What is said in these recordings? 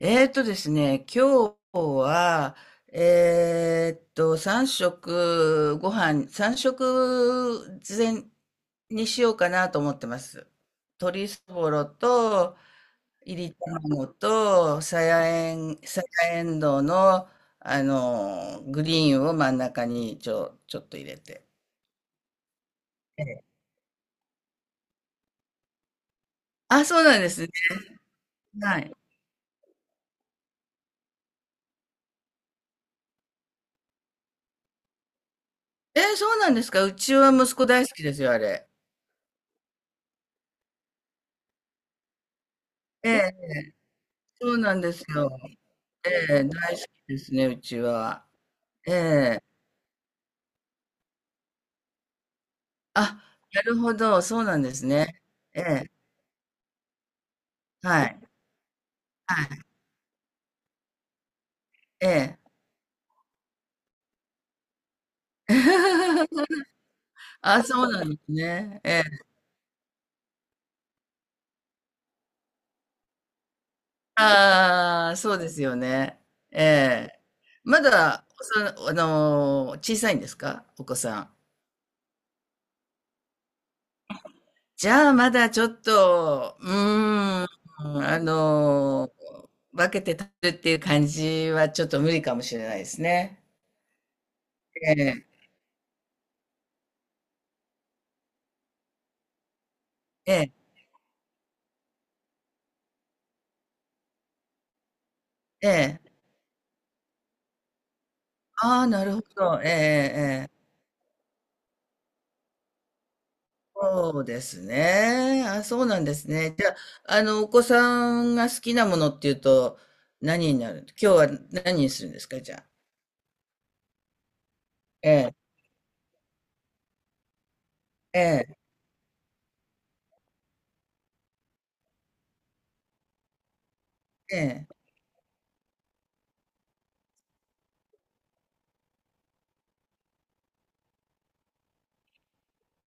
えーとですね、今日は、3食ご飯、3食前にしようかなと思ってます。鶏そぼろと、いり卵と、さやえんどうの、グリーンを真ん中にちょっと入れて。ええ。あ、そうなんですね。はい。えー、そうなんですか。うちは息子大好きですよ、あれ。ええ、そうなんですよ。ええ、大好きですね、うちは。ええ。あ、なるほど、そうなんですね。ええ、はい、はい、ええ。あ、そうなんですね。ええ。ああ、そうですよね。ええ。まだ、おさあのー、小さいんですかお子さん。じゃあ、まだちょっと、うーん、分けて食べるっていう感じはちょっと無理かもしれないですね。ええ、ええ、ええ。ああ、なるほど。ええええええ。そうですね。あ、そうなんですね。じゃあ、お子さんが好きなものっていうと、何になる、今日は何にするんですか、じゃあ。ええ、ええ、ええ。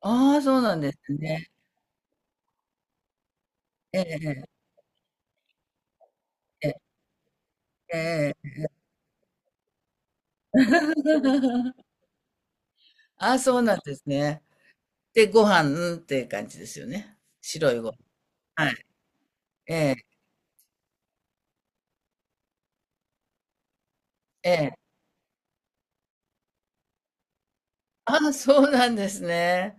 ああ、そうなんですね。ええ、ええ、ええ、ええ ああ、そうなんですね。で、ご飯、うんっていう感じですよね。白いご飯。はい。ええ、ええ。ああ、そうなんですね。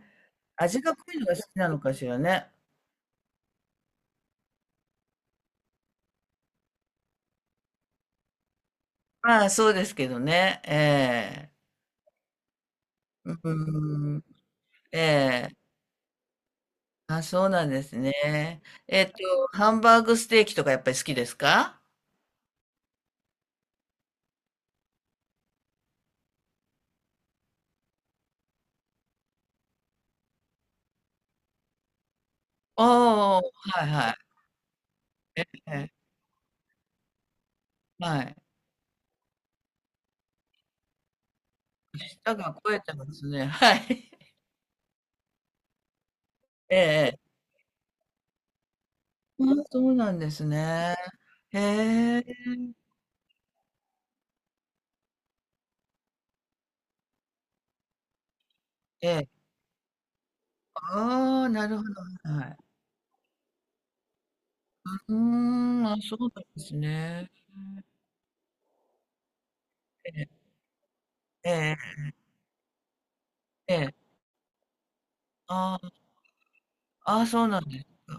味が濃いのが好きなのかしらね。まあ、そうですけどね。ええ。うーん。ええ。あ、そうなんですね。えっと、ハンバーグステーキとかやっぱり好きですか？ああ、はいはい。ええ、はい。舌が肥えてますね。はい。ええ、あ、そうなんですね。へえ。ええ。ああ、なるほど、はい。うーん、あ、そうなんですね。ええ。ええええ。ええ。ああ、ああ、そうなんですか。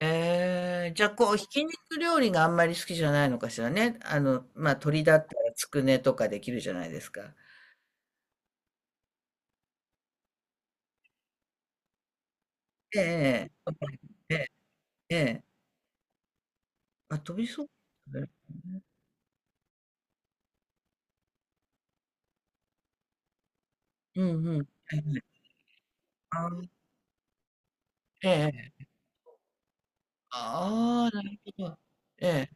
ええ、じゃ、あこう、ひき肉料理があんまり好きじゃないのかしらね。まあ、鶏だったらつくねとかできるじゃないですか。ええええ。ええ、ええ。あ、飛びそう。うんうん。ええ、あー、ええ、ああ、なるほど。ええ。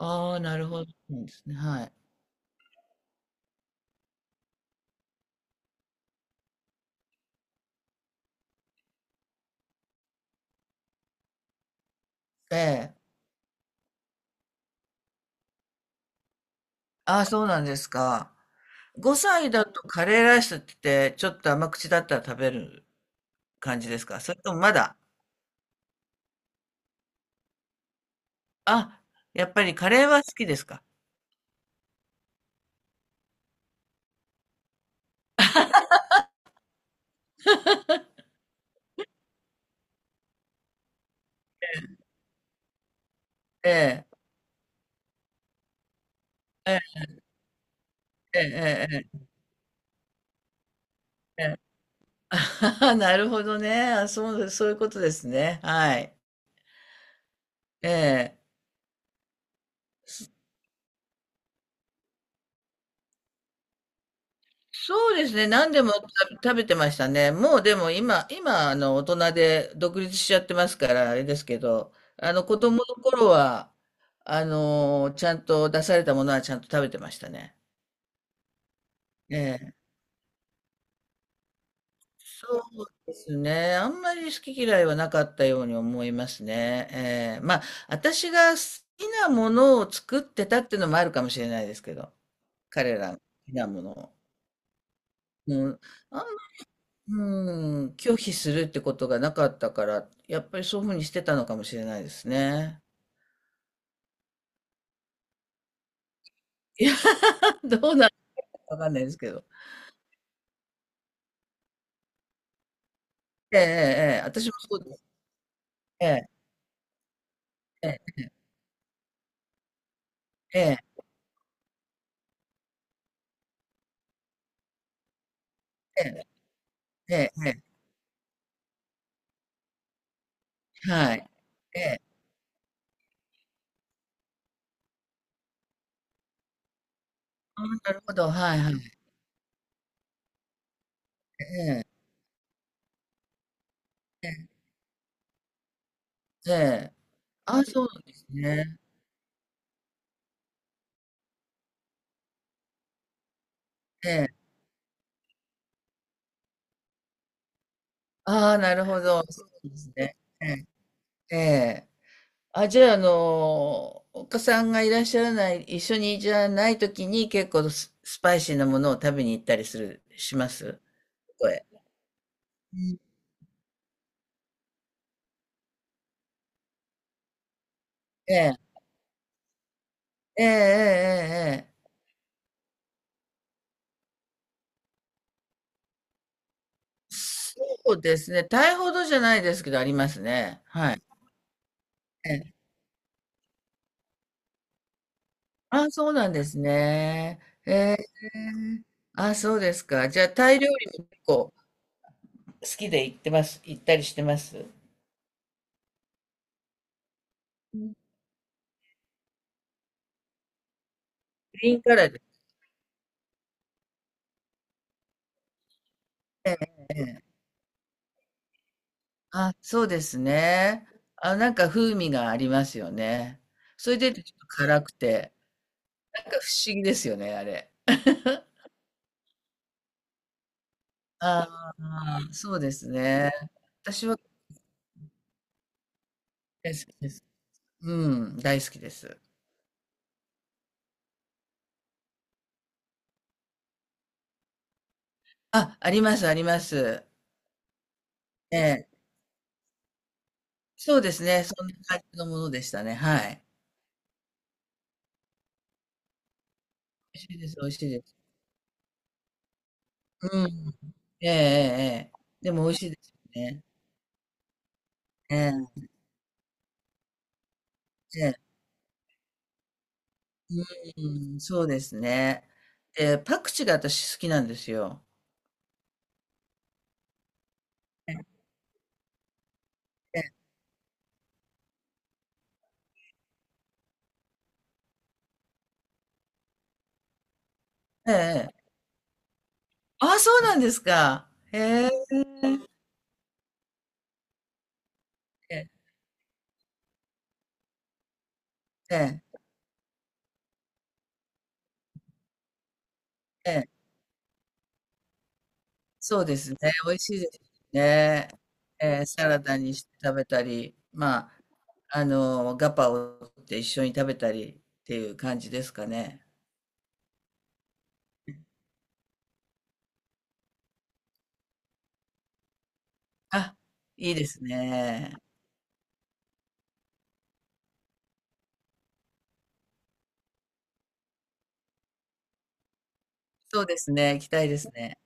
ああ、なるほどですね、はい。ええ。ああ、そうなんですか。5歳だとカレーライスって言ってちょっと甘口だったら食べる感じですか？それともまだあ、やっぱりカレーは好きですか？ええ。ええ、ええええええええ なるほどね。あ、そうです、そういうことですね。はい。ええ。そそうですね。何でも食べてましたね。もうでも今、今、大人で独立しちゃってますから、あれですけど、子供の頃は、ちゃんと出されたものはちゃんと食べてましたね。ええ、そうですね。あんまり好き嫌いはなかったように思いますね。ええ、まあ、私が好きなものを作ってたっていうのもあるかもしれないですけど、彼らの好きなものを。うん、あんうん、拒否するってことがなかったから、やっぱりそういうふうにしてたのかもしれないですね。いや、どうなるかわかんないですけど。ええ、ええ、ええ私もそうです。ええ、ええ、ええ、ええ、ええ、ええ、はい。ええ、あ、なるほど、はい、はい。ええ、ええ、ああ、そうなんですね。ええ。ああ、なるほど。そうですね。ええ、ええ。あ、じゃあ、お子さんがいらっしゃらない、一緒にじゃない時に結構スパイシーなものを食べに行ったりするします？そこへ。うん。ええ。ええええええええ。そうですね、タイほどじゃないですけどありますね。はい。ええ。ああ、そうなんですね。ええ。ああ、そうですか。じゃあ、タイ料理も結構好きで行ったりしてます？うん、グリーンカラーですね。あ、そうですね。あ、なんか風味がありますよね。それでちょっと辛くて、なんか不思議ですよね、あれ。ああ、そうですね。私は大好きです。うん、大好きです。あ、ありますあります。ええ。そうですね、そんな感じのものでしたね、はい。美味しいです美味しいです。うん。ええええええ。でも美味しいですよね。ええ、ええ。うん、そうですね。で、パクチーが私好きなんですよ。ええ、ええ。ああ、そうなんですか。へえ。ええ、ええ。そうですね。美味しいですね。ええ、サラダにして食べたり、まあ、ガパオと一緒に食べたりっていう感じですかね。あ、いいですね。そうですね。行きたいですね。